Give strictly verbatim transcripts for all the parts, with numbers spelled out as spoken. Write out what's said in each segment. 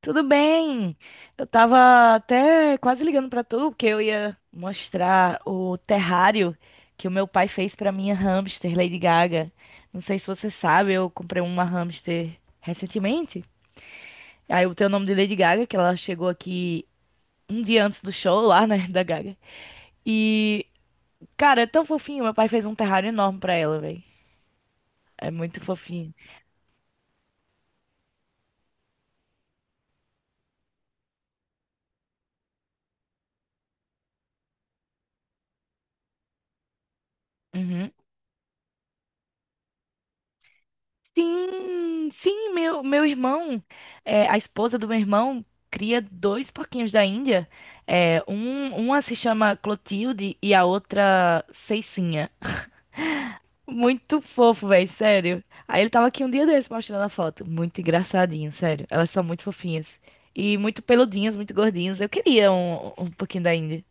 Tudo bem? Eu tava até quase ligando pra tu, porque eu ia mostrar o terrário que o meu pai fez pra minha hamster Lady Gaga. Não sei se você sabe, eu comprei uma hamster recentemente. Aí eu tenho o nome de Lady Gaga, que ela chegou aqui um dia antes do show lá, né, da Gaga. E, cara, é tão fofinho. Meu pai fez um terrário enorme pra ela, velho. É muito fofinho. Uhum. Sim, sim, meu, meu irmão, é, a esposa do meu irmão cria dois porquinhos da Índia. É, um, uma se chama Clotilde e a outra Ceicinha. Muito fofo, velho, sério. Aí ele tava aqui um dia desse mostrando a foto. Muito engraçadinho, sério. Elas são muito fofinhas. E muito peludinhas, muito gordinhas. Eu queria um, um pouquinho da Índia.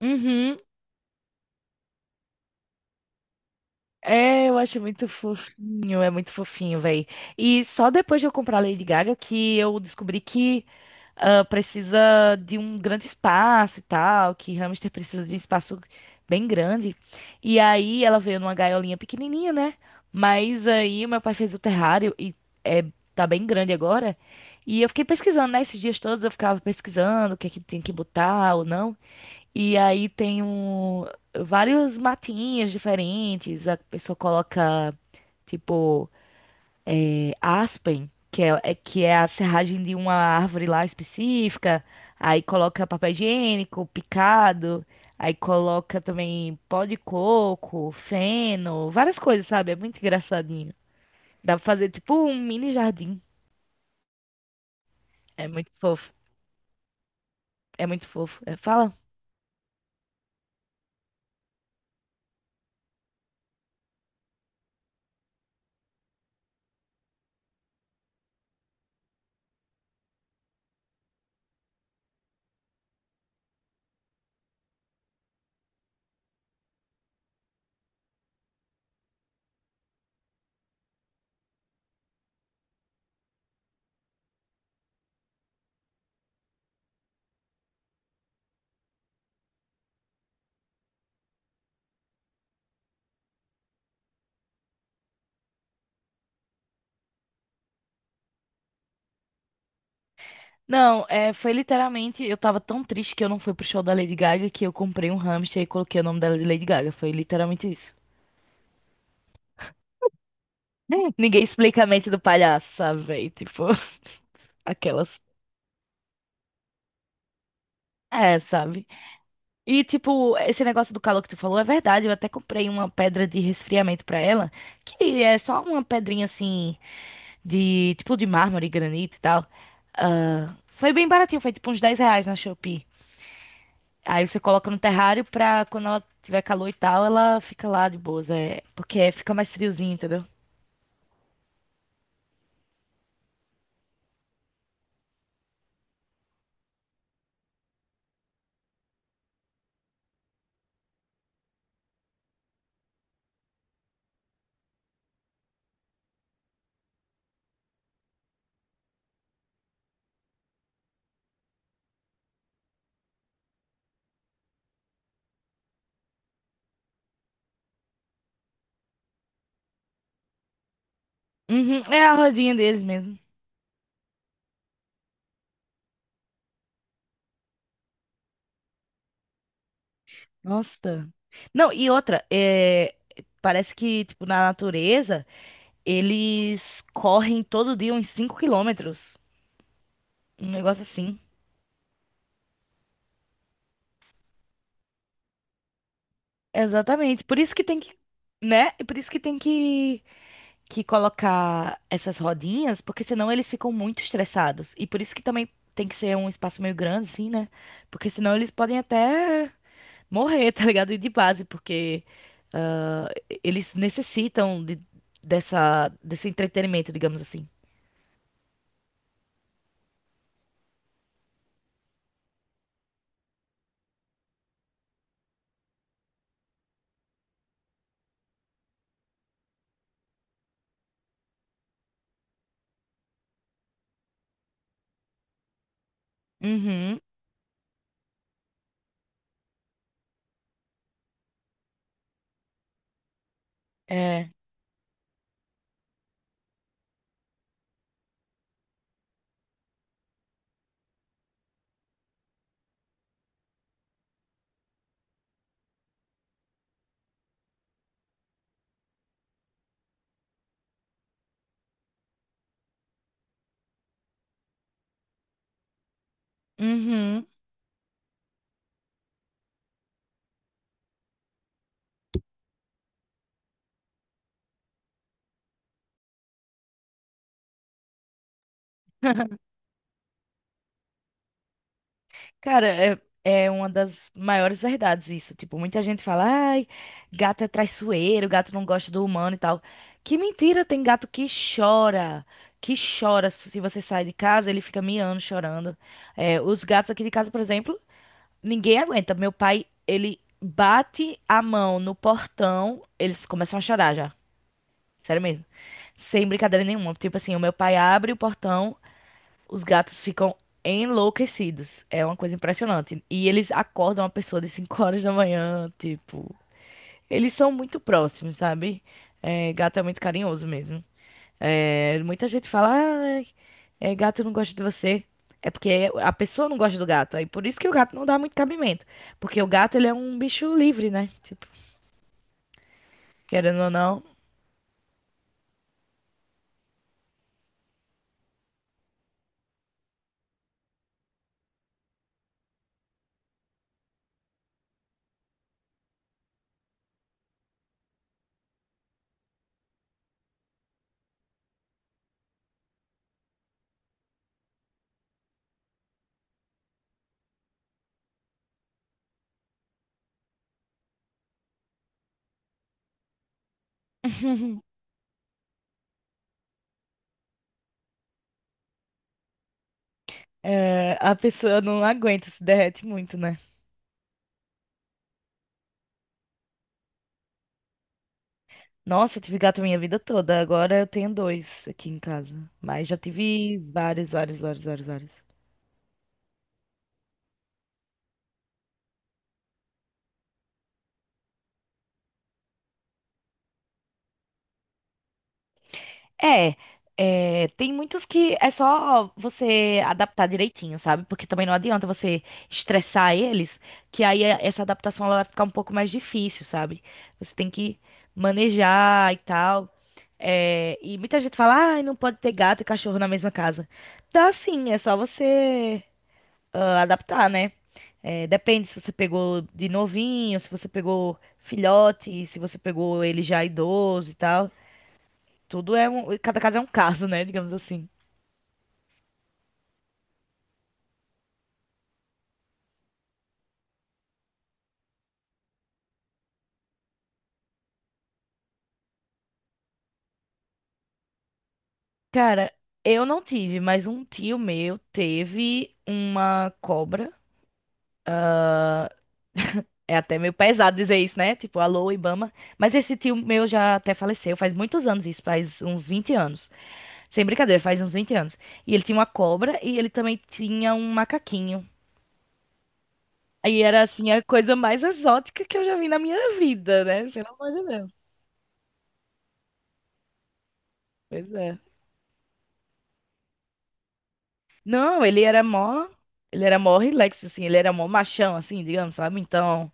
Uhum. É, eu acho muito fofinho, é muito fofinho, véi. E só depois de eu comprar a Lady Gaga que eu descobri que ah, precisa de um grande espaço e tal, que hamster precisa de um espaço bem grande. E aí ela veio numa gaiolinha pequenininha, né? Mas aí meu pai fez o terrário e é, tá bem grande agora. E eu fiquei pesquisando, né? Esses dias todos eu ficava pesquisando o que é que tem que botar ou não. E aí tem um, vários matinhos diferentes. A pessoa coloca, tipo. Aspen, que é, é- que é a serragem de uma árvore lá específica, aí coloca papel higiênico, picado, aí coloca também pó de coco, feno, várias coisas, sabe? É muito engraçadinho. Dá pra fazer tipo um mini jardim. É muito fofo. É muito fofo. É, fala. Não, é, foi literalmente. Eu tava tão triste que eu não fui pro show da Lady Gaga que eu comprei um hamster e coloquei o nome dela de Lady Gaga. Foi literalmente isso. Ninguém explica a mente do palhaço, sabe, véi? Tipo, aquelas. É, sabe? E, tipo, esse negócio do calor que tu falou é verdade. Eu até comprei uma pedra de resfriamento pra ela, que é só uma pedrinha assim, de tipo de mármore, granito e tal. Ah, foi bem baratinho, foi tipo uns dez reais na Shopee. Aí você coloca no terrário pra quando ela tiver calor e tal, ela fica lá de boas. É, porque fica mais friozinho, entendeu? Uhum, é a rodinha deles mesmo. Nossa. Não, e outra, é, parece que, tipo, na natureza. Eles correm todo dia uns cinco quilômetros. Um negócio assim. Exatamente. Por isso que tem que, né? E por isso que tem que, que colocar essas rodinhas, porque senão eles ficam muito estressados. E por isso que também tem que ser um espaço meio grande, assim, né? Porque senão eles podem até morrer, tá ligado? E de base, porque ah, eles necessitam de- dessa, desse entretenimento, digamos assim. Uhum. É. Uhum. Cara, é, é uma das maiores verdades isso. Tipo, muita gente fala, ai, gato é traiçoeiro, gato não gosta do humano e tal. Que mentira, tem gato que chora. Que chora. Se você sai de casa, ele fica miando, chorando. É, os gatos aqui de casa, por exemplo, ninguém aguenta. Meu pai, ele bate a mão no portão, eles começam a chorar já. Sério mesmo. Sem brincadeira nenhuma. Tipo assim, o meu pai abre o portão. Os gatos ficam enlouquecidos. É uma coisa impressionante. E eles acordam a pessoa de cinco horas da manhã, tipo. Eles são muito próximos, sabe? É, gato é muito carinhoso mesmo. É, muita gente fala, ah, é, gato não gosta de você. É porque a pessoa não gosta do gato. Aí por isso que o gato não dá muito cabimento. Porque o gato, ele é um bicho livre, né? Tipo, querendo ou não, é, a pessoa não aguenta, se derrete muito, né? Nossa, eu tive gato minha vida toda. Agora eu tenho dois aqui em casa. Mas já tive vários, vários, vários, vários, vários. É, é, tem muitos que é só você adaptar direitinho, sabe? Porque também não adianta você estressar eles, que aí a- essa adaptação ela vai ficar um pouco mais difícil, sabe? Você tem que manejar e tal. É, e muita gente fala, ah, não pode ter gato e cachorro na mesma casa. Tá sim, é só você. Ah, adaptar, né? É, depende se você pegou de novinho, se você pegou filhote, se você pegou ele já idoso e tal. Tudo é um, cada caso é um caso, né? Digamos assim. Cara, eu não tive, mas um tio meu teve uma cobra. É até meio pesado dizer isso, né? Tipo, alô, Ibama. Mas esse tio meu já até faleceu, faz muitos anos isso, faz uns vinte anos. Sem brincadeira, faz uns vinte anos. E ele tinha uma cobra e ele também tinha um macaquinho. Aí era assim a coisa mais exótica que eu já vi na minha vida, né? Pelo amor de Deus. Pois é. Não, ele era mó, ele era mó relax assim, ele era mó machão assim, digamos, sabe? Então,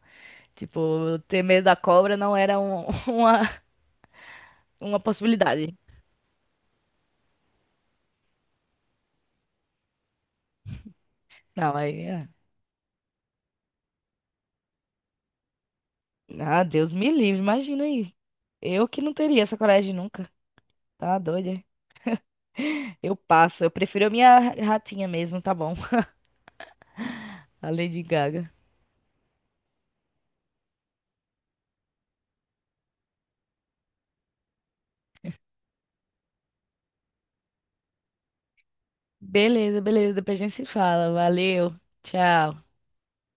tipo, ter medo da cobra não era um- uma uma possibilidade. Não, aí, é. Ah, Deus me livre, imagina aí. Eu que não teria essa coragem nunca. Tá doida? Eu passo, eu prefiro a minha ratinha mesmo, tá bom? A Lady Gaga. Beleza, beleza, depois a gente se fala. Valeu. Tchau.